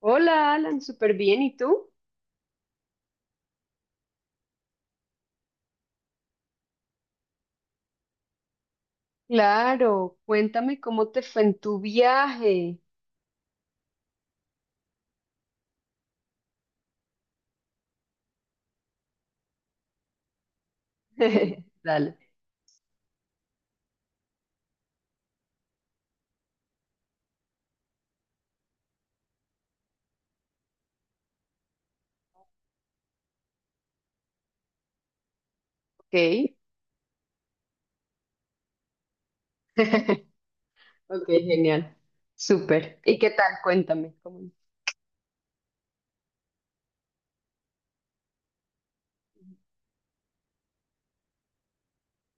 Hola, Alan, súper bien. ¿Y tú? Claro, cuéntame cómo te fue en tu viaje. Dale. Ok. Ok, genial. Súper. ¿Y qué tal? Cuéntame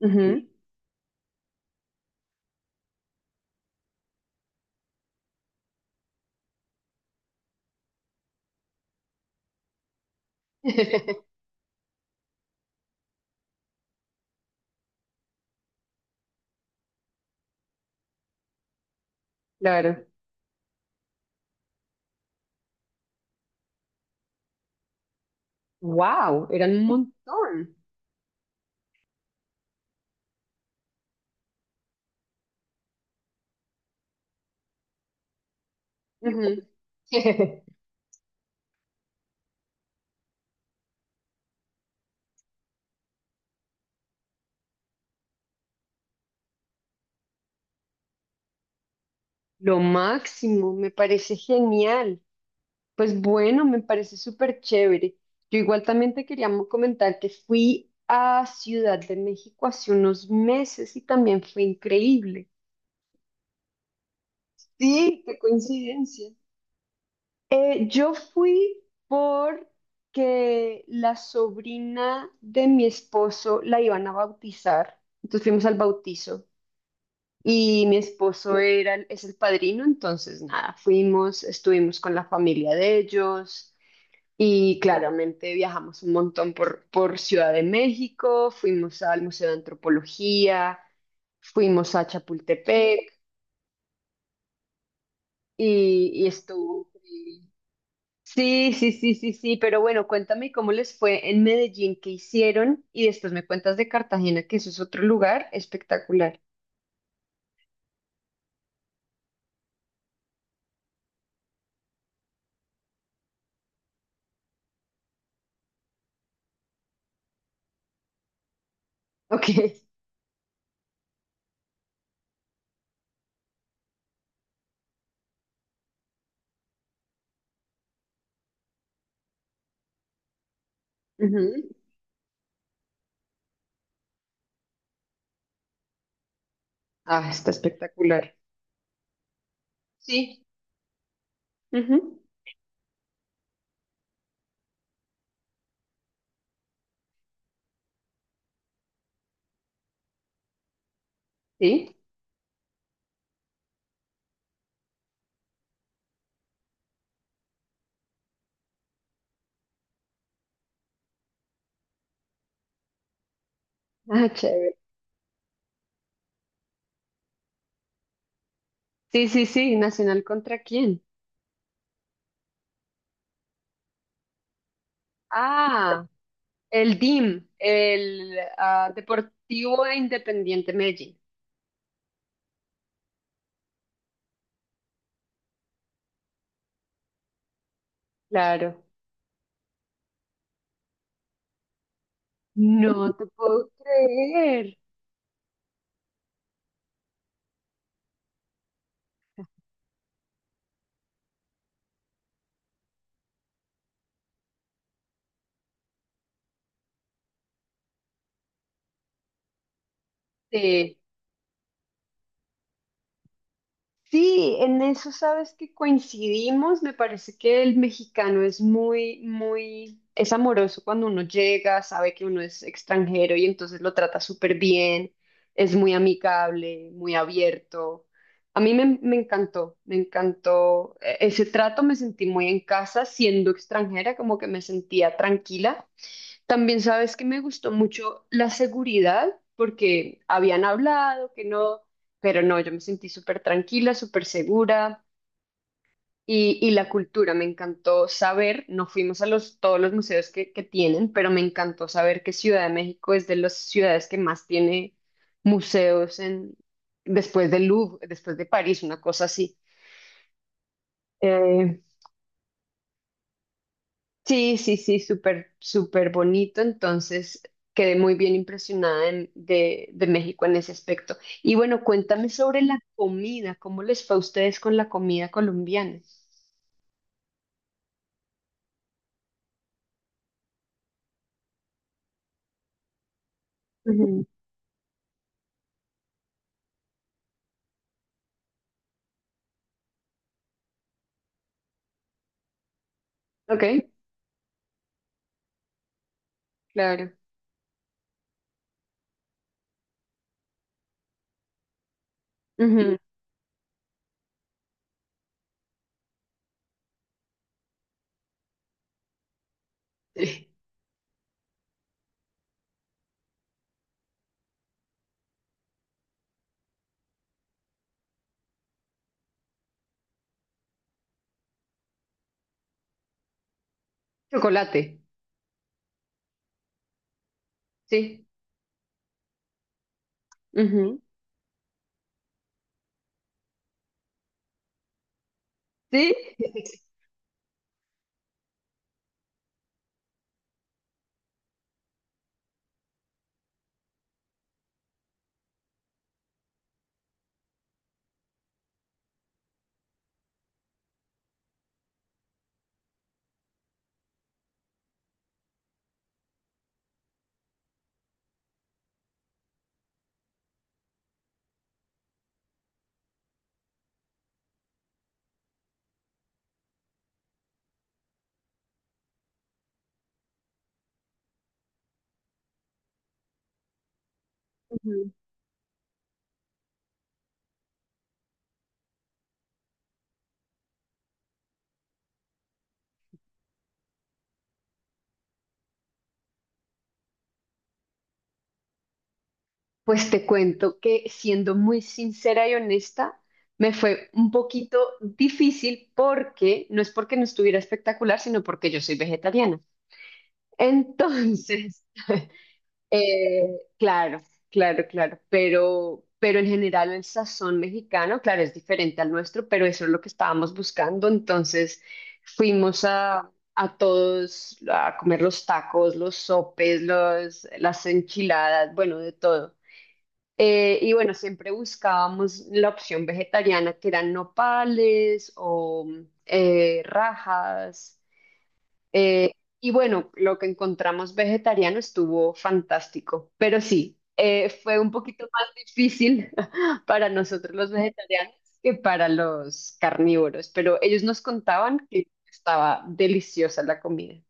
Ujú. Claro. Wow, eran un montón. Ujú. Lo máximo, me parece genial. Pues bueno, me parece súper chévere. Yo igual también te quería comentar que fui a Ciudad de México hace unos meses y también fue increíble. Sí, qué coincidencia. Yo fui porque la sobrina de mi esposo la iban a bautizar, entonces fuimos al bautizo y mi esposo era, es el padrino, entonces nada, fuimos, estuvimos con la familia de ellos. Y claramente viajamos un montón por Ciudad de México, fuimos al Museo de Antropología, fuimos a Chapultepec y estuvo increíble. Sí, sí, sí, sí, sí, pero bueno, cuéntame cómo les fue en Medellín, qué hicieron y después me cuentas de Cartagena, que eso es otro lugar espectacular. Ok. Ujú. Ah, está espectacular. Sí. Ujú. Sí. Ah, chévere. Sí, sí, sí, ¿Nacional contra quién? Ah, el DIM, Deportivo Independiente Medellín. Claro. ¡No te puedo creer! Sí. Sí, en eso sabes que coincidimos. Me parece que el mexicano es muy, muy, es amoroso cuando uno llega, sabe que uno es extranjero y entonces lo trata súper bien. Es muy amigable, muy abierto. A mí me encantó ese trato. Me sentí muy en casa siendo extranjera, como que me sentía tranquila. También sabes que me gustó mucho la seguridad, porque habían hablado que no, pero no, yo me sentí súper tranquila, súper segura y la cultura, me encantó saber, no fuimos a los, todos los museos que tienen, pero me encantó saber que Ciudad de México es de las ciudades que más tiene museos después de Louvre, después de París, una cosa así. Eh, Sí, sí, sí, súper, súper bonito. Entonces, quedé muy bien impresionada de México en ese aspecto. Y bueno, cuéntame sobre la comida. ¿Cómo les fue a ustedes con la comida colombiana? Ujú. Ok, claro. Ujú. Sí. Chocolate, sí. Ujú. Sí. Ujú. Pues te cuento que siendo muy sincera y honesta, me fue un poquito difícil porque no es porque no estuviera espectacular, sino porque yo soy vegetariana. Entonces, claro, claro, claro, pero en general el sazón mexicano, claro, es diferente al nuestro, pero eso es lo que estábamos buscando. Entonces fuimos a todos a comer los tacos, los sopes, las enchiladas, bueno, de todo. Y bueno, siempre buscábamos la opción vegetariana, que eran nopales o rajas. eh, y bueno, lo que encontramos vegetariano estuvo fantástico, pero sí, fue un poquito más difícil para nosotros los vegetarianos que para los carnívoros, pero ellos nos contaban que estaba deliciosa la comida.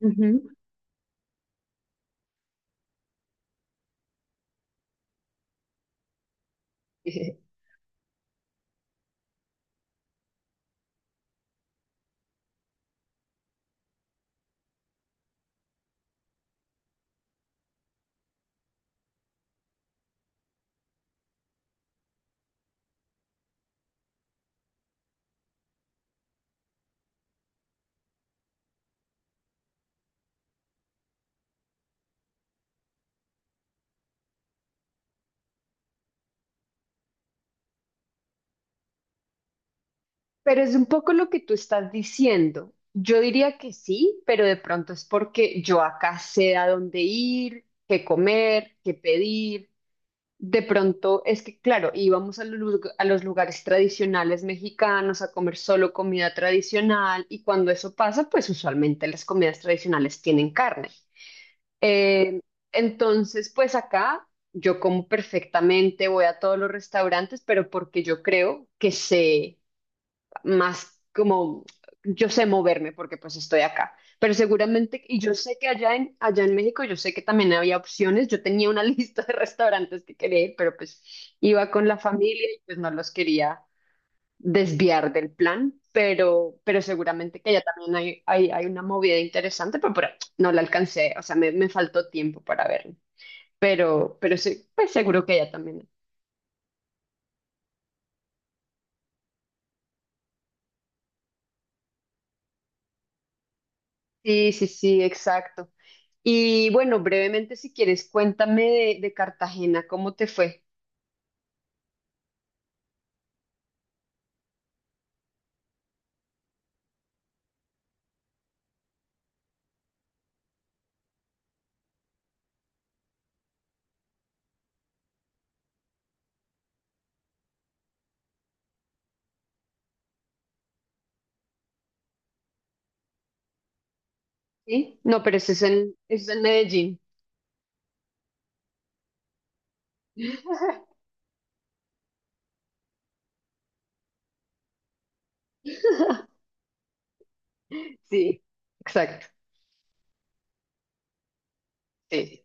Ujú. Pero es un poco lo que tú estás diciendo. Yo diría que sí, pero de pronto es porque yo acá sé a dónde ir, qué comer, qué pedir. De pronto, es que claro, íbamos a los, a los lugares tradicionales mexicanos a comer solo comida tradicional y cuando eso pasa, pues usualmente las comidas tradicionales tienen carne. Eh, entonces, pues acá yo como perfectamente, voy a todos los restaurantes, pero porque yo creo que sé más como yo sé moverme porque pues estoy acá. Pero seguramente, y yo sé que allá en México, yo sé que también había opciones. Yo tenía una lista de restaurantes que quería ir, pero pues iba con la familia y pues no los quería desviar del plan. Pero seguramente que allá también hay una movida interesante, pero no la alcancé. O sea, me faltó tiempo para verlo. Pero sí, pues seguro que allá también. Sí, sí, sí, exacto. Y bueno, brevemente, si quieres, cuéntame de Cartagena, ¿cómo te fue? ¿Sí? No, pero ese ese es en Medellín. Sí, exacto. Sí,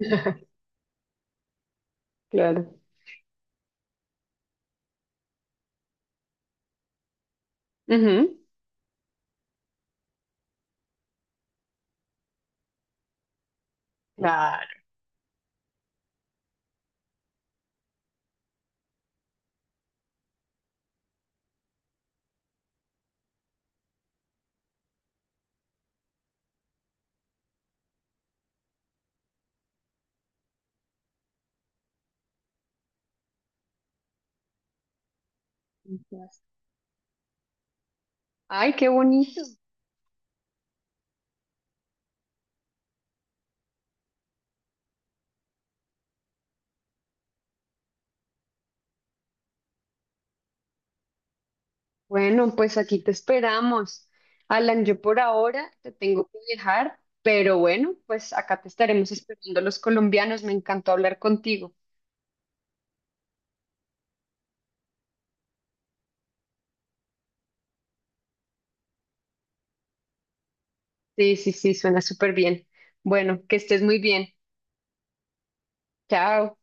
claro. Ujú. Claro. Ay, qué bonito. Bueno, pues aquí te esperamos. Alan, yo por ahora te tengo que dejar, pero bueno, pues acá te estaremos esperando los colombianos. Me encantó hablar contigo. Sí, sí, sí, suena súper bien. Bueno, que estés muy bien. Chao.